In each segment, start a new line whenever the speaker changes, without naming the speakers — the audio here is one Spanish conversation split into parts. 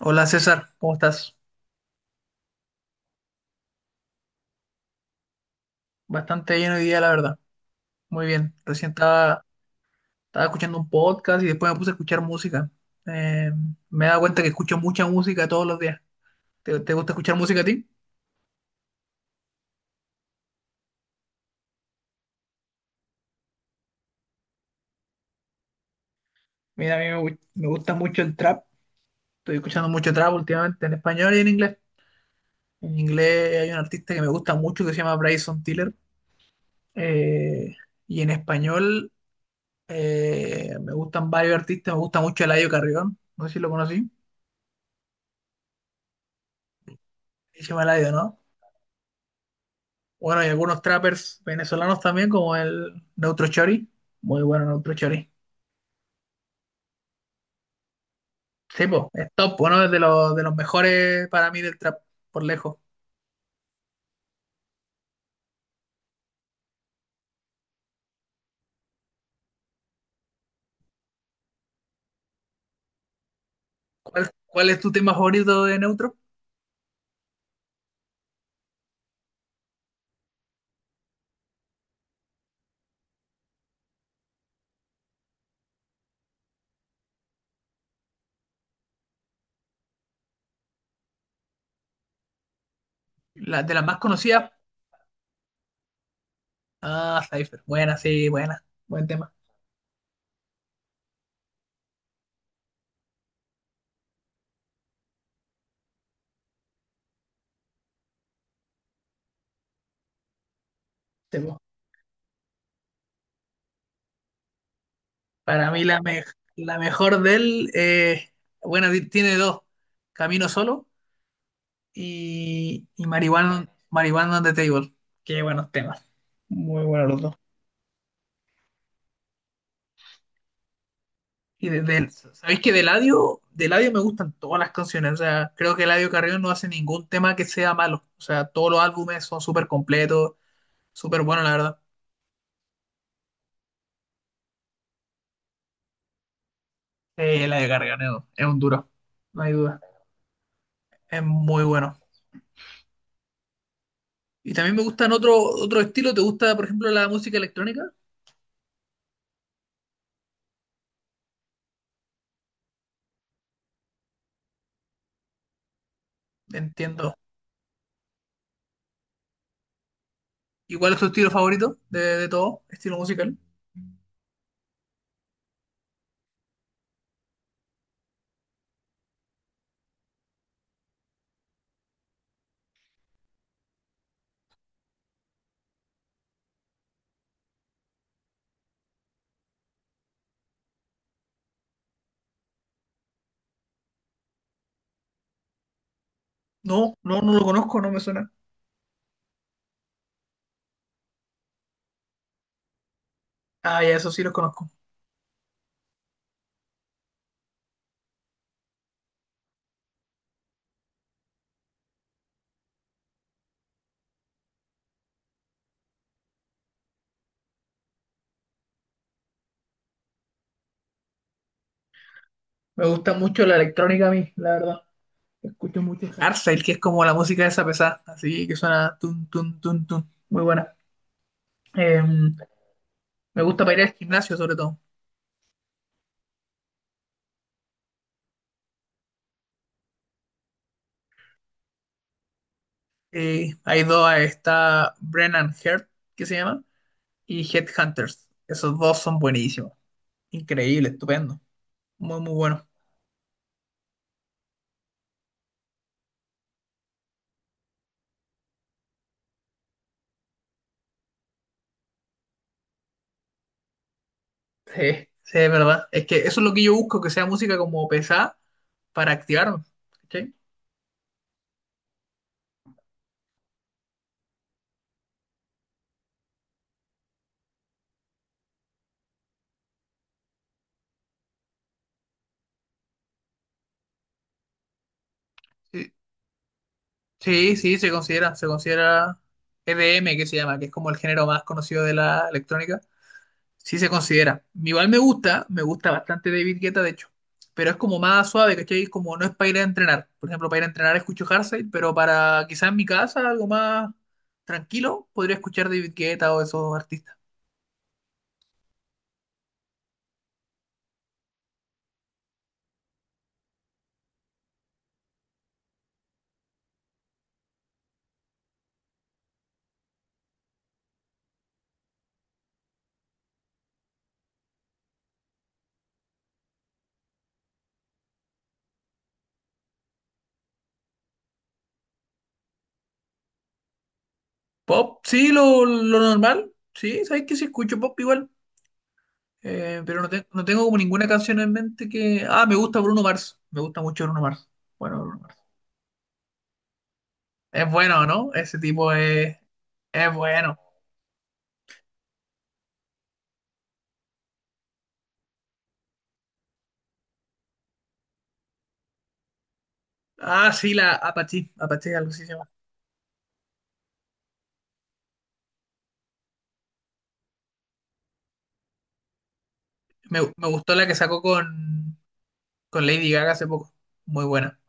Hola César, ¿cómo estás? Bastante bien hoy día, la verdad. Muy bien. Estaba escuchando un podcast y después me puse a escuchar música. Eh, Me he dado cuenta que escucho mucha música todos los días. ¿Te gusta escuchar música a ti? Mira, a mí me, gu- me gusta mucho el trap. Estoy escuchando mucho trap últimamente en español y en inglés. En inglés hay un artista que me gusta mucho que se llama Bryson Tiller. Eh, y en español me gustan varios artistas. Me gusta mucho Eladio Carrión. No sé si lo conocí. Se llama Eladio, ¿no? Bueno, hay algunos trappers venezolanos también, como el Neutro Chori. Muy bueno Neutro Chori. Sí, po, es top, bueno, es de de los mejores para mí del trap, por lejos. ¿Cuál es tu tema favorito de Neutro? La, de las más conocidas. Ah, Cypher. Buena, sí, buena. Buen tema. Sí, po. Para mí la, me- La mejor de él, bueno, tiene dos. Camino Solo y Marihuana, Marihuana on the Table. Qué buenos temas. Muy buenos los dos. Y de- ¿sabéis que de Eladio me gustan todas las canciones? O sea, creo que Eladio Carrión no hace ningún tema que sea malo. O sea, todos los álbumes son súper completos, súper buenos, la verdad. Eladio Carrión es un duro, no hay duda. Es muy bueno. Y también me gustan otro, otro estilo. ¿Te gusta, por ejemplo, la música electrónica? Entiendo. ¿Y cuál es tu estilo favorito de todo? ¿Estilo musical? No, no, no lo conozco, no me suena. Ah, ya, eso sí los conozco. Me gusta mucho la electrónica a mí, la verdad. Escucho mucho Hardstyle, que es como la música de esa pesada, así que suena tun, tun, tun, tun. Muy buena. Eh, Me gusta para ir al gimnasio, sobre todo. Hay dos, está Brennan Heart, que se llama, y Headhunters. Esos dos son buenísimos. Increíble, estupendo. Muy, muy bueno. Sí, sí, es verdad. Es que eso es lo que yo busco, que sea música como pesada para activarme. ¿Cachai? Sí, sí, sí, se considera EDM, que se llama, que es como el género más conocido de la electrónica. Sí se considera. Igual me gusta bastante David Guetta, de hecho. Pero es como más suave, ¿cachai? Es como no es para ir a entrenar. Por ejemplo, para ir a entrenar escucho Hardstyle, pero para quizás en mi casa, algo más tranquilo, podría escuchar David Guetta o esos artistas. Pop, sí, lo normal. Sí, sabes que sí escucho pop igual. Pero no, no tengo como ninguna canción en mente que. Ah, me gusta Bruno Mars. Me gusta mucho Bruno Mars. Bueno, Bruno Mars. Es bueno, ¿no? Ese tipo es bueno. Ah, sí, la Apache. Apache, algo así se llama. Me gustó la que sacó con Lady Gaga hace poco. Muy buena.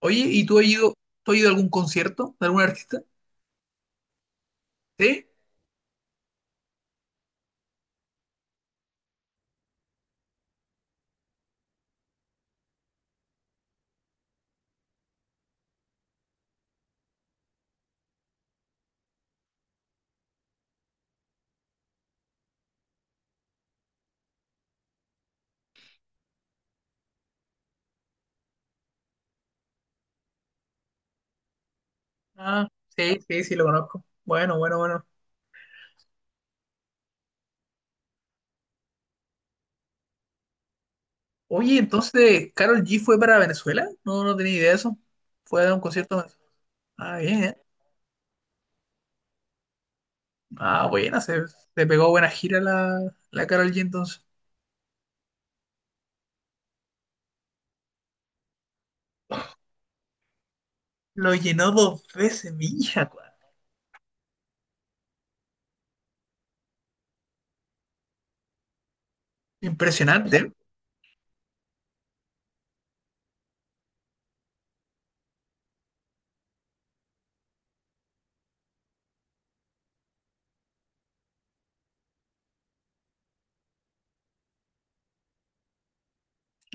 Oye, tú has ido a algún concierto de algún artista? ¿Sí? Ah, sí, sí, sí, lo conozco. Bueno, bueno, bueno. Oye, entonces, ¿Carol G fue para Venezuela? No, no tenía idea de eso. Fue a dar un concierto en Venezuela. Ah, bien, ¿eh? Ah, buena, se pegó buena gira la Karol G entonces. Lo llenó dos veces, mi hija. Impresionante.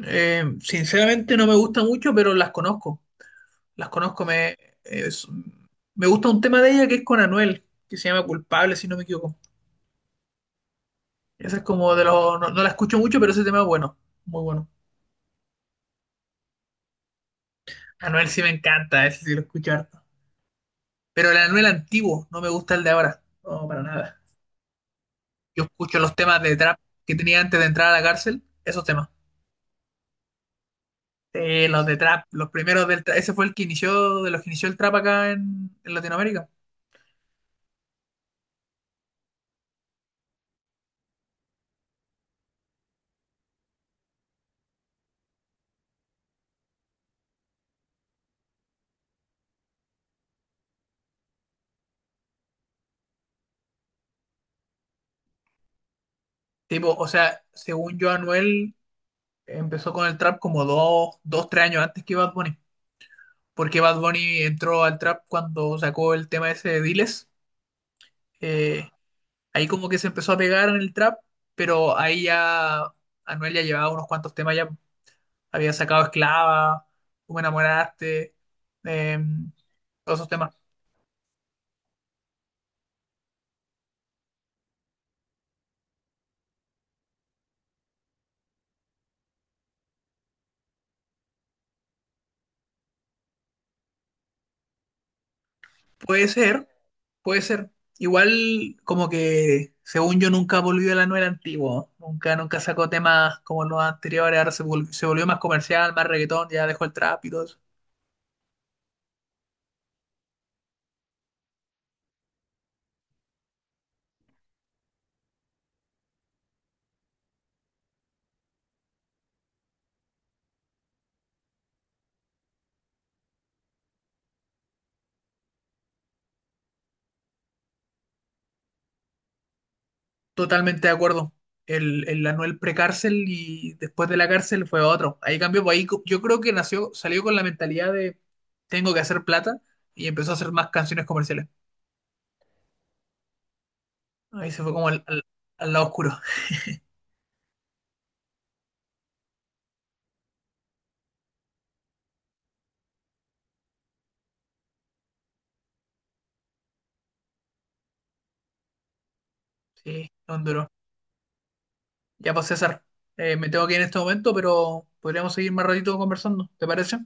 Sinceramente no me gusta mucho, pero las conozco. Las conozco, es- me gusta un tema de ella que es con Anuel, que se llama Culpable, si no me equivoco. Ese es como de los, no, no la escucho mucho, pero ese tema es bueno, muy bueno. Anuel sí me encanta, ese sí lo escucho harto. Pero el Anuel antiguo, no me gusta el de ahora, no, para nada. Yo escucho los temas de trap que tenía antes de entrar a la cárcel, esos temas. Los de trap, los primeros del trap, ese fue el que inició, de los que inició el trap acá en Latinoamérica. Tipo, o sea, según yo, Anuel empezó con el trap como tres años antes que Bad Bunny. Porque Bad Bunny entró al trap cuando sacó el tema ese de Diles. Eh, Ahí como que se empezó a pegar en el trap, pero ahí ya Anuel ya llevaba unos cuantos temas, ya había sacado Esclava, Tú me enamoraste, eh, todos esos temas. Puede ser, puede ser. Igual como que, según yo, nunca volvió el Anuel antiguo, ¿no? Nunca, nunca sacó temas como los anteriores, ahora se volvió más comercial, más reggaetón, ya dejó el trap y todo eso. Totalmente de acuerdo. El Anuel precárcel y después de la cárcel fue otro. Ahí cambió, pues ahí yo creo que nació, salió con la mentalidad de tengo que hacer plata y empezó a hacer más canciones comerciales. Ahí se fue como al, al lado oscuro. Sí, no duró. Ya pues César, me tengo que ir en este momento, pero podríamos seguir más ratito conversando, ¿te parece?